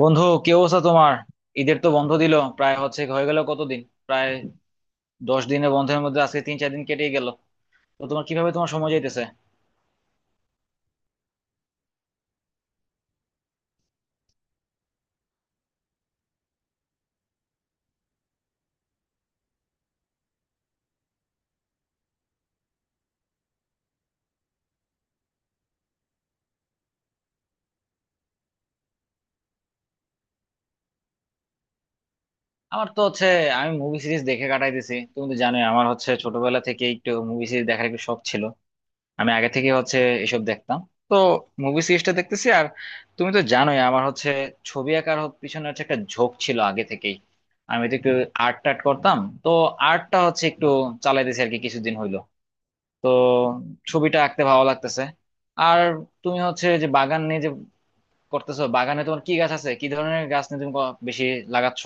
বন্ধু, কি অবস্থা তোমার? ঈদের তো বন্ধ দিল, প্রায় হচ্ছে হয়ে গেল কতদিন, প্রায় 10 দিনের বন্ধের মধ্যে আজকে 3-4 দিন কেটে গেল। তো তোমার কিভাবে তোমার সময় যাইতেছে? আমার তো হচ্ছে, আমি মুভি সিরিজ দেখে কাটাইতেছি। তুমি তো জানোই আমার হচ্ছে ছোটবেলা থেকে একটু মুভি সিরিজ দেখার একটু শখ ছিল, আমি আগে থেকে হচ্ছে এসব দেখতাম। তো মুভি সিরিজটা দেখতেছি। আর তুমি তো জানোই আমার হচ্ছে ছবি আঁকার পিছনে হচ্ছে একটা ঝোঁক ছিল আগে থেকেই, আমি তো একটু আর্ট টার্ট করতাম। তো আর্টটা হচ্ছে একটু চালাইতেছি আর কি কিছুদিন হইলো। তো ছবিটা আঁকতে ভালো লাগতেছে। আর তুমি হচ্ছে যে বাগান নিয়ে যে করতেছো, বাগানে তোমার কি গাছ আছে, কি ধরনের গাছ নিয়ে তুমি বেশি লাগাচ্ছ?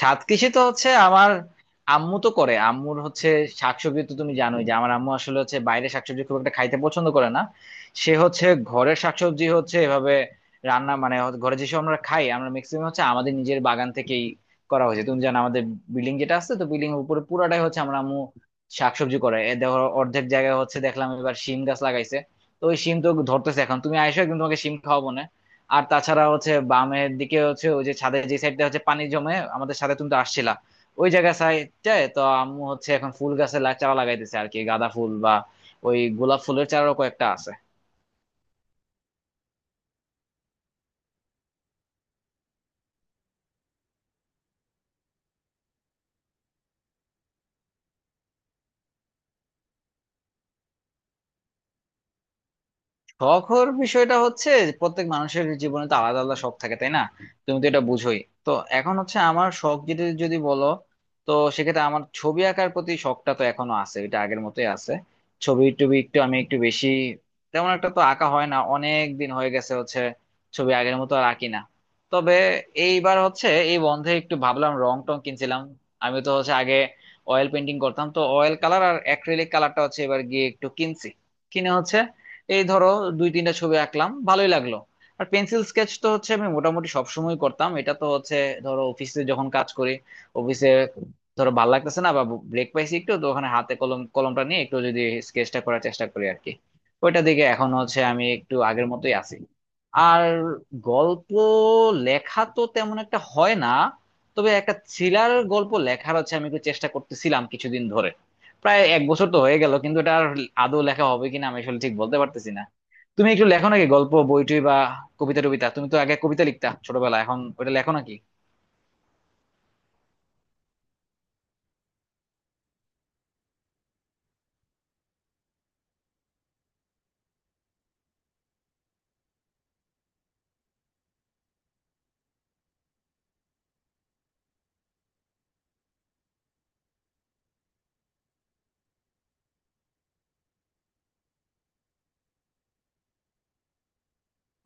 ছাদ কৃষি তো হচ্ছে আমার আম্মু তো করে, আম্মুর হচ্ছে শাকসবজি। তো তুমি জানোই যে আমার আম্মু আসলে হচ্ছে বাইরে শাকসবজি খুব একটা খাইতে পছন্দ করে না। সে হচ্ছে ঘরের শাকসবজি হচ্ছে এভাবে রান্না, মানে হচ্ছে ঘরে যেসব আমরা খাই আমরা ম্যাক্সিমাম হচ্ছে আমাদের নিজের বাগান থেকেই করা হয়েছে। তুমি জানো আমাদের বিল্ডিং যেটা আছে, তো বিল্ডিং এর উপরে পুরাটাই হচ্ছে আমার আম্মু শাকসবজি করে। এ দেখো অর্ধেক জায়গায় হচ্ছে দেখলাম এবার শিম গাছ লাগাইছে। তো ওই শিম তো ধরতেছে এখন, তুমি আইসো একদিন তোমাকে শিম খাওয়াবো না। আর তাছাড়া হচ্ছে বামের দিকে হচ্ছে ওই যে ছাদের যে সাইডটা হচ্ছে পানি জমে, আমাদের সাথে তুমি তো আসছিলা, ওই জায়গা সাইডটায় তো আম্মু হচ্ছে এখন ফুল গাছের চারা লাগাইতেছে আর কি, গাঁদা ফুল বা ওই গোলাপ ফুলের চারাও কয়েকটা আছে। শখের বিষয়টা হচ্ছে প্রত্যেক মানুষের জীবনে তো আলাদা আলাদা শখ থাকে, তাই না? তুমি তো এটা বুঝোই। তো এখন হচ্ছে আমার শখ যদি যদি বলো, তো সেক্ষেত্রে আমার ছবি আঁকার প্রতি শখটা তো এখনো আছে, এটা আগের মতোই আছে। ছবি টবি একটু আমি একটু বেশি তেমন একটা তো আঁকা হয় না, অনেক দিন হয়ে গেছে হচ্ছে ছবি আগের মতো আর আঁকি না। তবে এইবার হচ্ছে এই বন্ধে একটু ভাবলাম, রং টং কিনছিলাম। আমি তো হচ্ছে আগে অয়েল পেন্টিং করতাম, তো অয়েল কালার আর অ্যাক্রিলিক কালারটা হচ্ছে এবার গিয়ে একটু কিনছি। কিনে হচ্ছে এই ধরো 2-3টা ছবি আঁকলাম, ভালোই লাগলো। আর পেন্সিল স্কেচ তো হচ্ছে আমি মোটামুটি সবসময় করতাম, এটা তো হচ্ছে ধরো অফিসে যখন কাজ করি, অফিসে ধরো ভালো লাগতেছে না বা ব্রেক পাইছি একটু, তো ওখানে হাতে কলমটা নিয়ে একটু যদি স্কেচটা করার চেষ্টা করি আর কি। ওইটা দিকে এখন হচ্ছে আমি একটু আগের মতোই আছি। আর গল্প লেখা তো তেমন একটা হয় না, তবে একটা থ্রিলার গল্প লেখার হচ্ছে আমি একটু চেষ্টা করতেছিলাম কিছুদিন ধরে, প্রায় 1 বছর তো হয়ে গেল, কিন্তু এটা আর আদৌ লেখা হবে কিনা আমি আসলে ঠিক বলতে পারতেছি না। তুমি একটু লেখো নাকি গল্প বইটই বা কবিতা টবিতা? তুমি তো আগে কবিতা লিখতা ছোটবেলায়, এখন ওটা লেখো নাকি?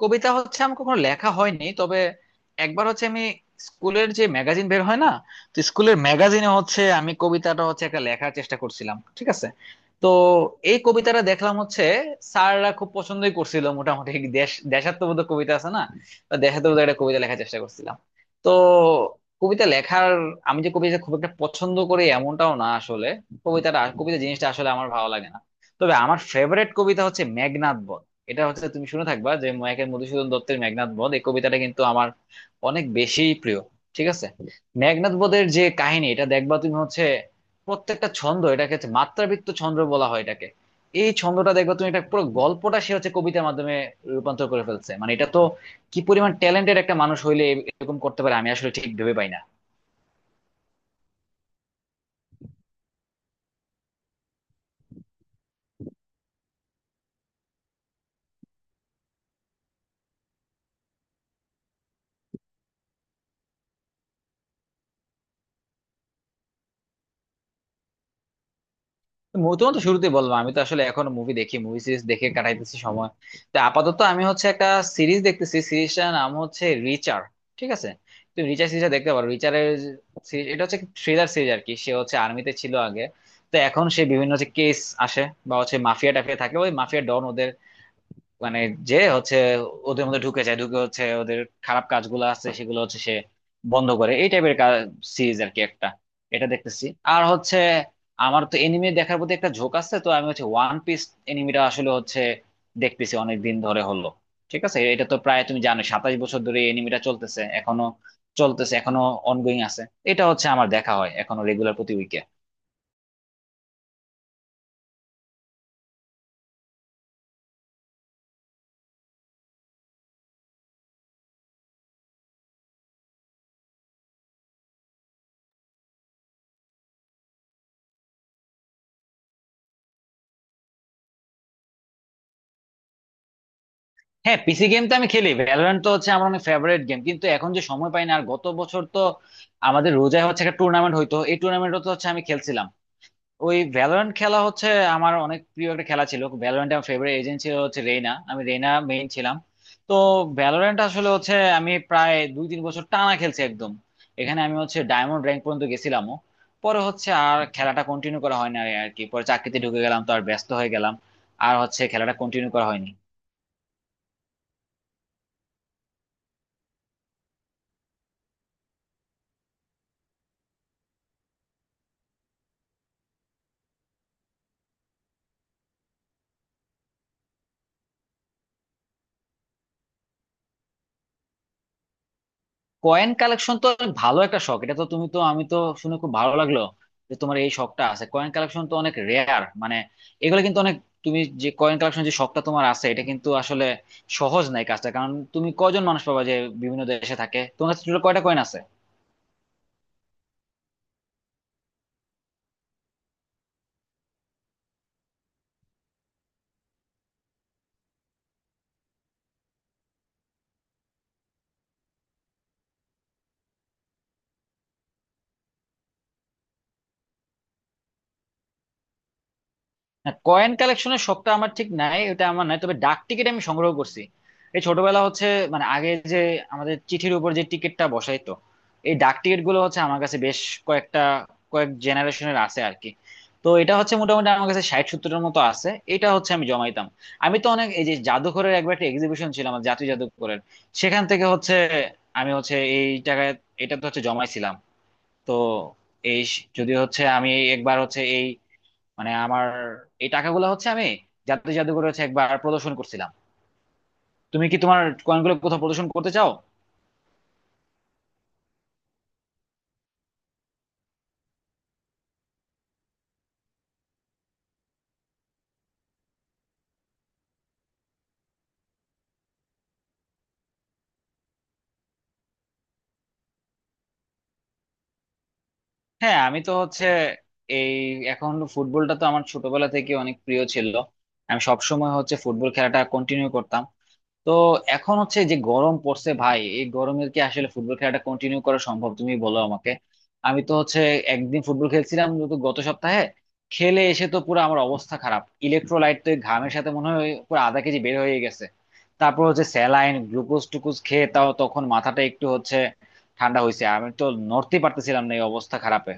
কবিতা হচ্ছে আমার কখনো লেখা হয়নি, তবে একবার হচ্ছে আমি স্কুলের যে ম্যাগাজিন বের হয় না, তো স্কুলের ম্যাগাজিনে হচ্ছে আমি কবিতাটা হচ্ছে একটা লেখার চেষ্টা করছিলাম, ঠিক আছে? তো এই কবিতাটা দেখলাম হচ্ছে স্যাররা খুব পছন্দই করছিল মোটামুটি। দেশ দেশাত্মবোধক কবিতা আছে না, তো দেশাত্মবোধক একটা কবিতা লেখার চেষ্টা করছিলাম। তো কবিতা লেখার, আমি যে কবিতা খুব একটা পছন্দ করি এমনটাও না আসলে, কবিতাটা কবিতা জিনিসটা আসলে আমার ভালো লাগে না। তবে আমার ফেভারিট কবিতা হচ্ছে মেঘনাদ। এটা হচ্ছে তুমি শুনে থাকবা যে মাইকেল মধুসূদন দত্তের মেঘনাদ বধ, এই কবিতাটা কিন্তু আমার অনেক বেশি প্রিয়, ঠিক আছে? মেঘনাদ বধের যে কাহিনী এটা দেখবা তুমি হচ্ছে প্রত্যেকটা ছন্দ, এটাকে হচ্ছে মাত্রাবৃত্ত ছন্দ বলা হয় এটাকে। এই ছন্দটা দেখবা তুমি, এটা পুরো গল্পটা সে হচ্ছে কবিতার মাধ্যমে রূপান্তর করে ফেলছে। মানে এটা তো কি পরিমাণ ট্যালেন্টেড একটা মানুষ হইলে এরকম করতে পারে, আমি আসলে ঠিক ভেবে পাই না। তোমার তো শুরুতেই বললাম আমি তো আসলে এখনো মুভি দেখি, মুভি সিরিজ দেখে কাটাইতেছি সময়। তো আপাতত আমি হচ্ছে একটা সিরিজ দেখতেছি, সিরিজটার নাম হচ্ছে রিচার, ঠিক আছে? তুমি রিচার সিরিজটা দেখতে পারো। রিচারের সিরিজ এটা হচ্ছে থ্রিলার সিরিজ আর কি। সে হচ্ছে আর্মিতে ছিল আগে, তো এখন সে বিভিন্ন হচ্ছে কেস আসে বা হচ্ছে মাফিয়া টাফিয়া থাকে, ওই মাফিয়া ডন, মানে যে হচ্ছে ওদের মধ্যে ঢুকে যায়, ঢুকে হচ্ছে ওদের খারাপ কাজগুলো আছে সেগুলো হচ্ছে সে বন্ধ করে, এই টাইপের সিরিজ আর কি একটা, এটা দেখতেছি। আর হচ্ছে আমার তো এনিমি দেখার প্রতি একটা ঝোঁক আছে, তো আমি হচ্ছে ওয়ান পিস এনিমিটা আসলে হচ্ছে দেখতেছি অনেক দিন ধরে হলো, ঠিক আছে? এটা তো প্রায় তুমি জানো 27 বছর ধরে এই এনিমিটা চলতেছে এখনো, অনগোয়িং আছে। এটা হচ্ছে আমার দেখা হয় এখনো রেগুলার প্রতি উইকে। হ্যাঁ, পিসি গেম তো আমি খেলি, ভ্যালোরেন্ট তো হচ্ছে আমার অনেক ফেভারিট গেম, কিন্তু এখন যে সময় পাই না। আর গত বছর তো আমাদের রোজায় হচ্ছে একটা টুর্নামেন্ট হইতো, এই টুর্নামেন্টও তো হচ্ছে আমি খেলছিলাম। ওই ভ্যালোরেন্ট খেলা হচ্ছে আমার অনেক প্রিয় একটা খেলা ছিল, ভ্যালোরেন্ট আমার ফেভারিট এজেন্ট ছিল হচ্ছে রেইনা, আমি রেইনা মেইন ছিলাম। তো ভ্যালোরেন্ট আসলে হচ্ছে আমি প্রায় 2-3 বছর টানা খেলছি একদম। এখানে আমি হচ্ছে ডায়মন্ড র্যাঙ্ক পর্যন্ত গেছিলামও। পরে হচ্ছে আর খেলাটা কন্টিনিউ করা হয় না আর কি, পরে চাকরিতে ঢুকে গেলাম তো আর ব্যস্ত হয়ে গেলাম, আর হচ্ছে খেলাটা কন্টিনিউ করা হয়নি। কয়েন কালেকশন তো অনেক ভালো একটা শখ, এটা তো তুমি তো আমি তো শুনে খুব ভালো লাগলো যে তোমার এই শখটা আছে। কয়েন কালেকশন তো অনেক রেয়ার, মানে এগুলো কিন্তু অনেক, তুমি যে কয়েন কালেকশন যে শখটা তোমার আছে এটা কিন্তু আসলে সহজ নাই কাজটা, কারণ তুমি কজন মানুষ পাবা যে বিভিন্ন দেশে থাকে। তোমার কাছে টোটাল কয়টা কয়েন আছে? কয়েন কালেকশনের শখটা আমার ঠিক নাই, ওটা আমার নাই, তবে ডাক টিকিট আমি সংগ্রহ করছি। এই ছোটবেলা হচ্ছে, মানে আগে যে আমাদের চিঠির উপর যে টিকিটটা বসাইতো, এই ডাক টিকিট গুলো হচ্ছে আমার কাছে বেশ কয়েকটা, কয়েক জেনারেশনের আছে আর কি। তো এটা হচ্ছে মোটামুটি আমার কাছে 60-70-এর মতো আছে, এটা হচ্ছে আমি জমাইতাম। আমি তো অনেক, এই যে জাদুঘরের একবার একটা এক্সিবিশন ছিল আমার, জাতীয় জাদুঘরের, সেখান থেকে হচ্ছে আমি হচ্ছে এই টাকায়, এটা তো হচ্ছে জমাইছিলাম। তো এই যদি হচ্ছে আমি একবার হচ্ছে এই, মানে আমার এই টাকাগুলো হচ্ছে আমি জাতীয় জাদুঘরে হচ্ছে একবার প্রদর্শন করছিলাম। তুমি কি তোমার কয়েনগুলো কোথাও প্রদর্শন করতে চাও? হ্যাঁ, আমি তো হচ্ছে এই এখন ফুটবলটা তো আমার ছোটবেলা থেকে অনেক প্রিয় ছিল, আমি সব সময় হচ্ছে ফুটবল খেলাটা কন্টিনিউ করতাম। তো এখন হচ্ছে যে গরম পড়ছে ভাই, এই গরমের কি আসলে ফুটবল খেলাটা কন্টিনিউ করা সম্ভব, তুমি বলো আমাকে? আমি তো হচ্ছে একদিন ফুটবল খেলছিলাম, তো গত সপ্তাহে খেলে এসে তো পুরো আমার অবস্থা খারাপ, ইলেকট্রোলাইট তো এই ঘামের সাথে মনে হয় পুরো আধা কেজি বের হয়ে গেছে। তারপর হচ্ছে স্যালাইন গ্লুকোজ টুকুজ খেয়ে তাও তখন মাথাটা একটু হচ্ছে ঠান্ডা হয়েছে, আমি তো নড়তে পারতেছিলাম না, এই অবস্থা খারাপে।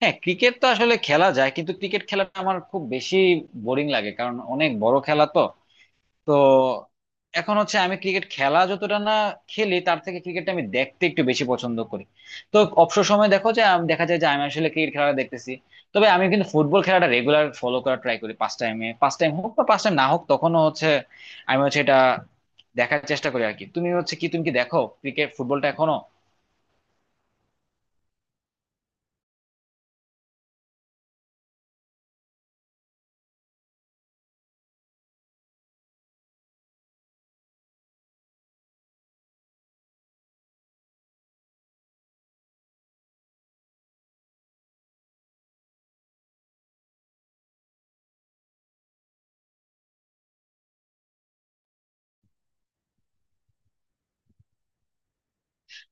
হ্যাঁ, ক্রিকেট তো আসলে খেলা যায়, কিন্তু ক্রিকেট খেলাটা আমার খুব বেশি বোরিং লাগে, কারণ অনেক বড় খেলা তো। তো এখন হচ্ছে আমি ক্রিকেট খেলা যতটা না খেলি, তার থেকে ক্রিকেটটা আমি দেখতে একটু বেশি পছন্দ করি। তো অবসর সময় দেখো যে দেখা যায় যে আমি আসলে ক্রিকেট খেলাটা দেখতেছি। তবে আমি কিন্তু ফুটবল খেলাটা রেগুলার ফলো করা ট্রাই করি, পাঁচ টাইমে পাঁচ টাইম হোক বা পাঁচ টাইম না হোক, তখনও হচ্ছে আমি হচ্ছে এটা দেখার চেষ্টা করি আর কি। তুমি হচ্ছে কি, তুমি কি দেখো ক্রিকেট ফুটবলটা এখনো?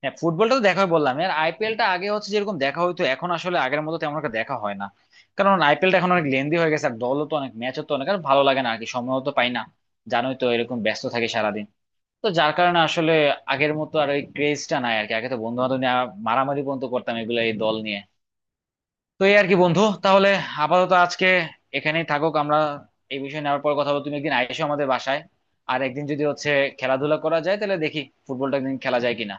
হ্যাঁ, ফুটবলটা তো দেখাই বললাম, আর আইপিএলটা আগে হচ্ছে যেরকম দেখা হইতো এখন আসলে আগের মতো তেমন একটা দেখা হয় না। কারণ আইপিএলটা এখন অনেক লেন্দি হয়ে গেছে, আর দলও তো অনেক, ম্যাচও তো অনেক, আর ভালো লাগে না আর কি, সময়ও তো পাই না, জানোই তো এরকম ব্যস্ত থাকে সারাদিন। তো যার কারণে আসলে আগের মতো আর ওই ক্রেজটা নাই আর কি, আগে তো বন্ধু বান্ধব নিয়ে মারামারি পর্যন্ত করতাম এগুলো এই দল নিয়ে। তো এই আর কি বন্ধু, তাহলে আপাতত আজকে এখানেই থাকুক, আমরা এই বিষয়ে নেওয়ার পর কথা বলবো। তুমি একদিন আইসো আমাদের বাসায়, আর একদিন যদি হচ্ছে খেলাধুলা করা যায় তাহলে দেখি ফুটবলটা একদিন খেলা যায় কিনা।